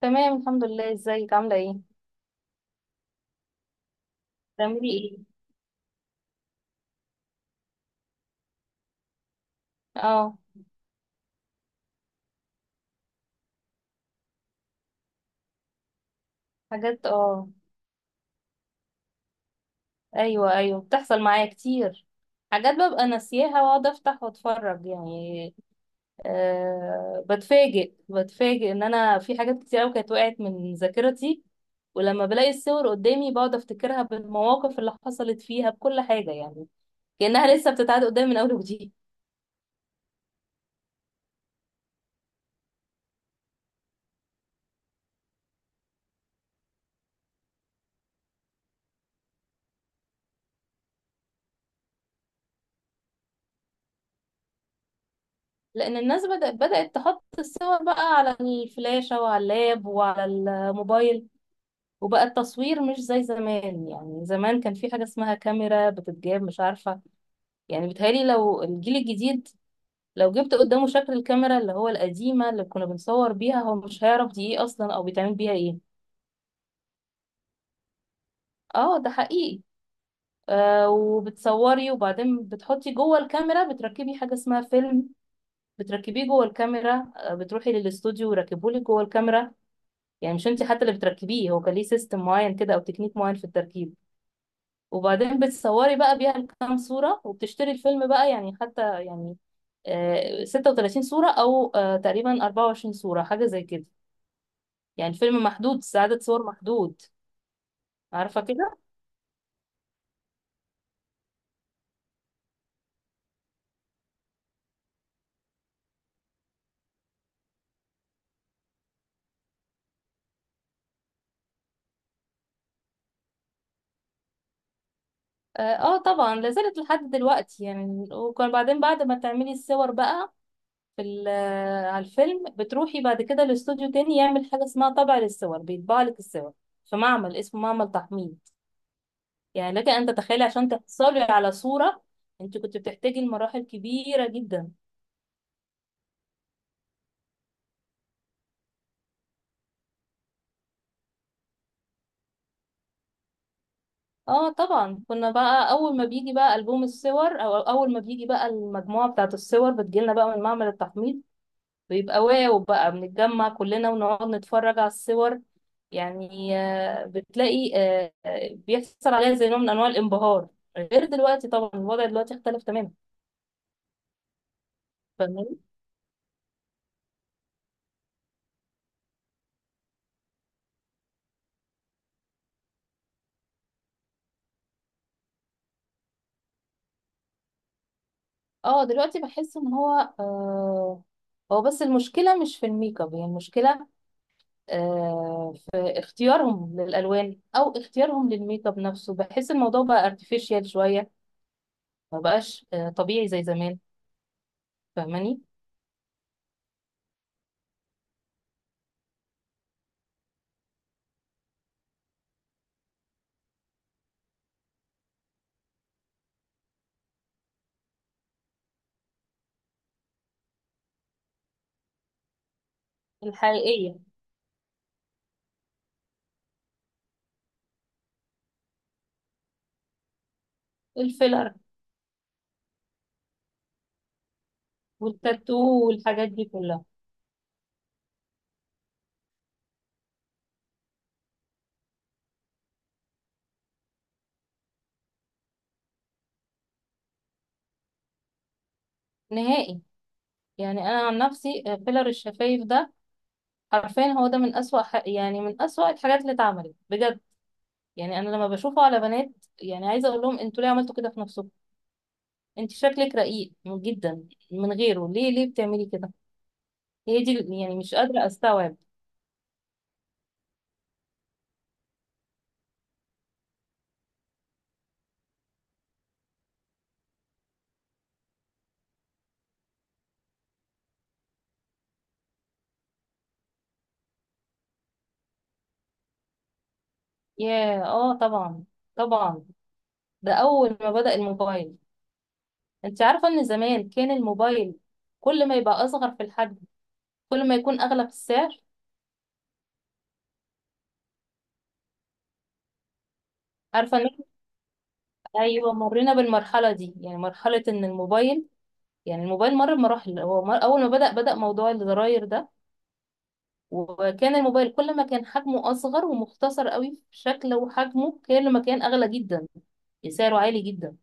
تمام، الحمد لله. ازيك؟ عاملة ايه؟ بتعملي ايه؟ اه. حاجات اه. ايوه ايوه، بتحصل معايا كتير. حاجات ببقى ناسياها واقعد افتح واتفرج يعني. أه، بتفاجئ ان انا في حاجات كتير قوي كانت وقعت من ذاكرتي. ولما بلاقي الصور قدامي بقعد افتكرها بالمواقف اللي حصلت فيها بكل حاجة يعني، كأنها لسه بتتعاد قدامي من اول وجديد. لأن الناس بدأت تحط الصور بقى على الفلاشة وعلى اللاب وعلى الموبايل. وبقى التصوير مش زي زمان، يعني زمان كان في حاجة اسمها كاميرا بتتجاب، مش عارفة. يعني بيتهيألي لو الجيل الجديد لو جبت قدامه شكل الكاميرا اللي هو القديمة اللي كنا بنصور بيها، هو مش هيعرف دي ايه اصلا او بيتعمل بيها ايه. اه، ده حقيقي. وبتصوري، وبعدين بتحطي جوه الكاميرا بتركبي حاجة اسمها فيلم. بتركبيه جوه الكاميرا، بتروحي للاستوديو ويركبولك جوه الكاميرا، يعني مش انت حتى اللي بتركبيه، هو كان ليه سيستم معين كده او تكنيك معين في التركيب. وبعدين بتصوري بقى بيها كام صورة، وبتشتري الفيلم بقى يعني حتى يعني 36 صورة أو تقريبا 24 صورة، حاجة زي كده. يعني الفيلم محدود، عدد صور محدود. عارفة كده؟ اه طبعا لازالت لحد دلوقتي. يعني وكان بعدين بعد ما تعملي الصور بقى في على الفيلم، بتروحي بعد كده لاستوديو تاني يعمل حاجة اسمها طبع للصور، بيطبع لك الصور في معمل اسمه معمل تحميل. يعني لك أن تتخيلي عشان تحصلي على صورة انت كنت بتحتاجي لمراحل كبيرة جدا. اه طبعا، كنا بقى اول ما بيجي بقى ألبوم الصور او اول ما بيجي بقى المجموعة بتاعة الصور بتجيلنا بقى من معمل التحميض، بيبقى واو بقى، بنتجمع كلنا ونقعد نتفرج على الصور. يعني بتلاقي بيحصل عليها زي نوع من انواع الانبهار. غير دلوقتي طبعا، الوضع دلوقتي اختلف تماما. فاهماني؟ اه دلوقتي بحس ان هو آه. هو بس المشكلة مش في الميك اب، هي المشكلة في اختيارهم للالوان او اختيارهم للميك اب نفسه، بحس الموضوع بقى ارتفيشال شويه. ما بقاش طبيعي زي زمان. فاهماني؟ الحقيقيه. الفيلر والتاتو والحاجات دي كلها. نهائي. يعني انا عن نفسي، فيلر الشفايف ده حرفيا هو ده من اسوأ يعني من اسوأ الحاجات اللي اتعملت بجد. يعني انا لما بشوفه على بنات، يعني عايزه اقول لهم انتوا ليه عملتوا كده في نفسكم؟ انت شكلك رقيق جدا من غيره، ليه بتعملي كده؟ هي دي يعني مش قادره استوعب. ياه، اه طبعا. طبعا. ده اول ما بدأ الموبايل. انت عارفة ان زمان كان الموبايل كل ما يبقى اصغر في الحجم كل ما يكون اغلى في السعر. عارفة ان احنا، ايوه، مرينا بالمرحلة دي. يعني مرحلة ان الموبايل، يعني الموبايل مر بمراحل. اول ما بدأ موضوع الزراير ده، وكان الموبايل كل ما كان حجمه اصغر ومختصر قوي في شكله وحجمه كل ما كان اغلى جدا، يعني سعره عالي جدا.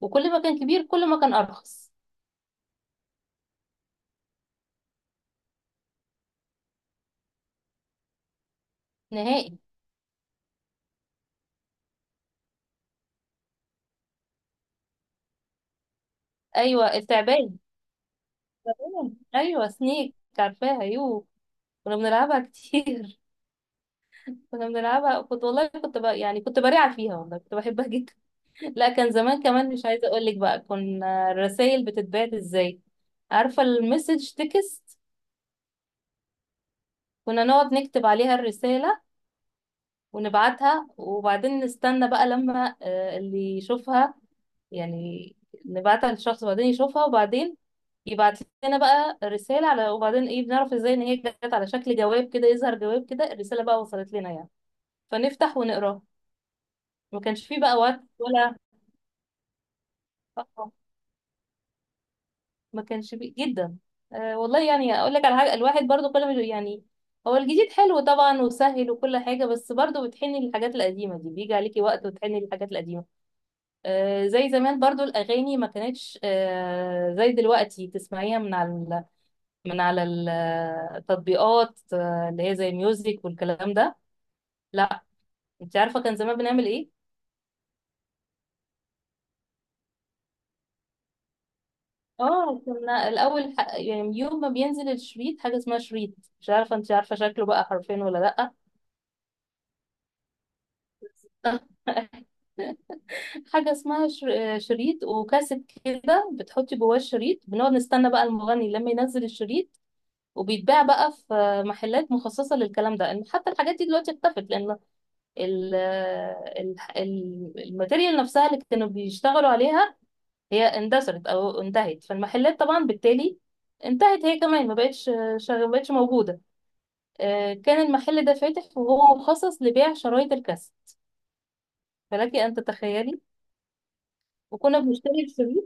وكل ما كان كبير كل ما كان ارخص. نهائي. ايوه التعبان. تمام. ايوه، سنيك، عارفاها يو. كنا بنلعبها كتير. كنا بنلعبها، كنت والله يعني كنت بريعة فيها، والله كنت بحبها جدا. لا، كان زمان كمان، مش عايزة اقول لك بقى كنا الرسائل بتتبعت ازاي. عارفة المسج تكست؟ كنا نقعد نكتب عليها الرسالة ونبعتها وبعدين نستنى بقى لما اللي يشوفها يعني. نبعتها للشخص وبعدين يشوفها وبعدين يبعت لنا بقى رسالة على، وبعدين ايه بنعرف ازاي ان هي جت؟ على شكل جواب كده، يظهر جواب كده، الرسالة بقى وصلت لنا يعني، فنفتح ونقراها. ما كانش فيه بقى وقت ولا آه، ما كانش فيه جدا. أه والله، يعني اقول لك على حاجة، الواحد برضو كل ما يعني هو الجديد حلو طبعا وسهل وكل حاجة، بس برضو بتحني للحاجات القديمة دي، بيجي عليكي وقت وتحني للحاجات القديمة. أه زي زمان برضو الأغاني ما كانتش أه زي دلوقتي تسمعيها من على من على التطبيقات اللي هي زي ميوزك والكلام ده. لا. انت عارفه كان زمان بنعمل ايه؟ اه كنا الاول يعني يوم ما بينزل الشريط، حاجه اسمها شريط. مش عارفه انت عارفه شكله بقى حرفين ولا لا. حاجه اسمها شريط وكاسيت كده، بتحطي جواه الشريط. بنقعد نستنى بقى المغني لما ينزل الشريط، وبيتباع بقى في محلات مخصصه للكلام ده. ان حتى الحاجات دي دلوقتي اختفت لان الماتيريال نفسها اللي كانوا بيشتغلوا عليها هي اندثرت او انتهت، فالمحلات طبعا بالتالي انتهت هي كمان، ما بقتش ما بقتش موجوده. كان المحل ده فاتح وهو مخصص لبيع شرايط الكاسيت، فلك ان تتخيلي. وكنا بنشتري الشريط.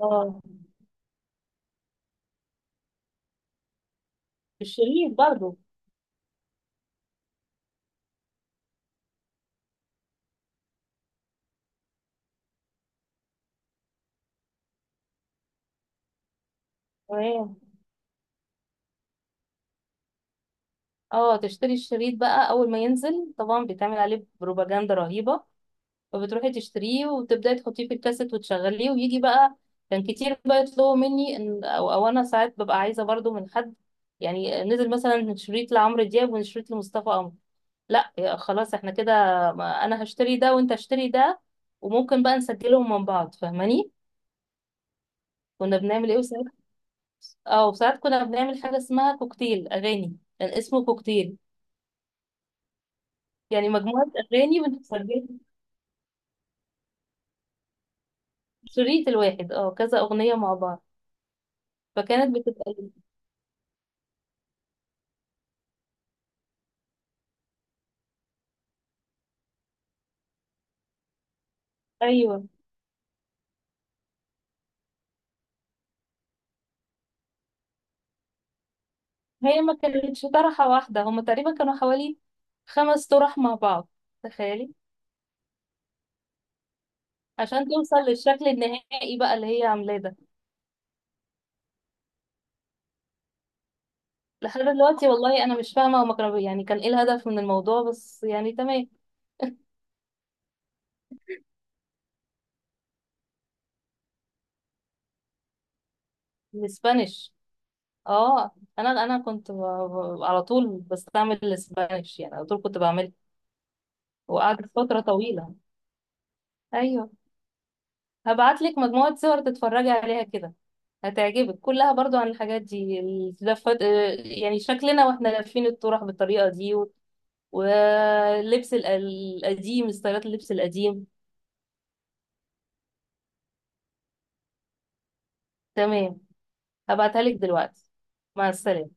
اه الشريط برضه. تمام. اه تشتري الشريط بقى اول ما ينزل طبعا بيتعمل عليه بروباجندا رهيبه، فبتروحي تشتريه وتبداي تحطيه في الكاسيت وتشغليه ويجي بقى. كان كتير بقى يطلبوا مني ان أو انا ساعات ببقى عايزه برضو من حد. يعني نزل مثلا شريط لعمرو دياب وشريط لمصطفى قمر، لا يا خلاص احنا كده، انا هشتري ده وانت اشتري ده، وممكن بقى نسجلهم من بعض فاهماني. كنا بنعمل ايه وساعات، اه وساعات كنا بنعمل حاجه اسمها كوكتيل اغاني، كان اسمه كوكتيل. يعني مجموعه اغاني بنسجلها في الشريط الواحد، اه كذا اغنيه مع بعض، فكانت بتبقى. ايوه هي ما كانتش طرحة واحدة، هما تقريبا كانوا حوالي 5 طرح مع بعض، تخيلي، عشان توصل للشكل النهائي بقى اللي هي عاملاه ده. لحد دلوقتي والله انا مش فاهمة هما كانوا يعني كان ايه الهدف من الموضوع، بس يعني تمام. الاسبانيش اه. انا كنت على طول بستعمل الاسبانيش، يعني على طول كنت بعمل، وقعدت فترة طويلة. ايوه. هبعتلك مجموعة صور تتفرجي عليها كده، هتعجبك كلها برضو عن الحاجات دي اللفات، يعني شكلنا واحنا لافين الطرح بالطريقة دي و- واللبس القديم، ستايلات اللبس القديم. تمام. هبعتها لك دلوقتي. مع السلامة.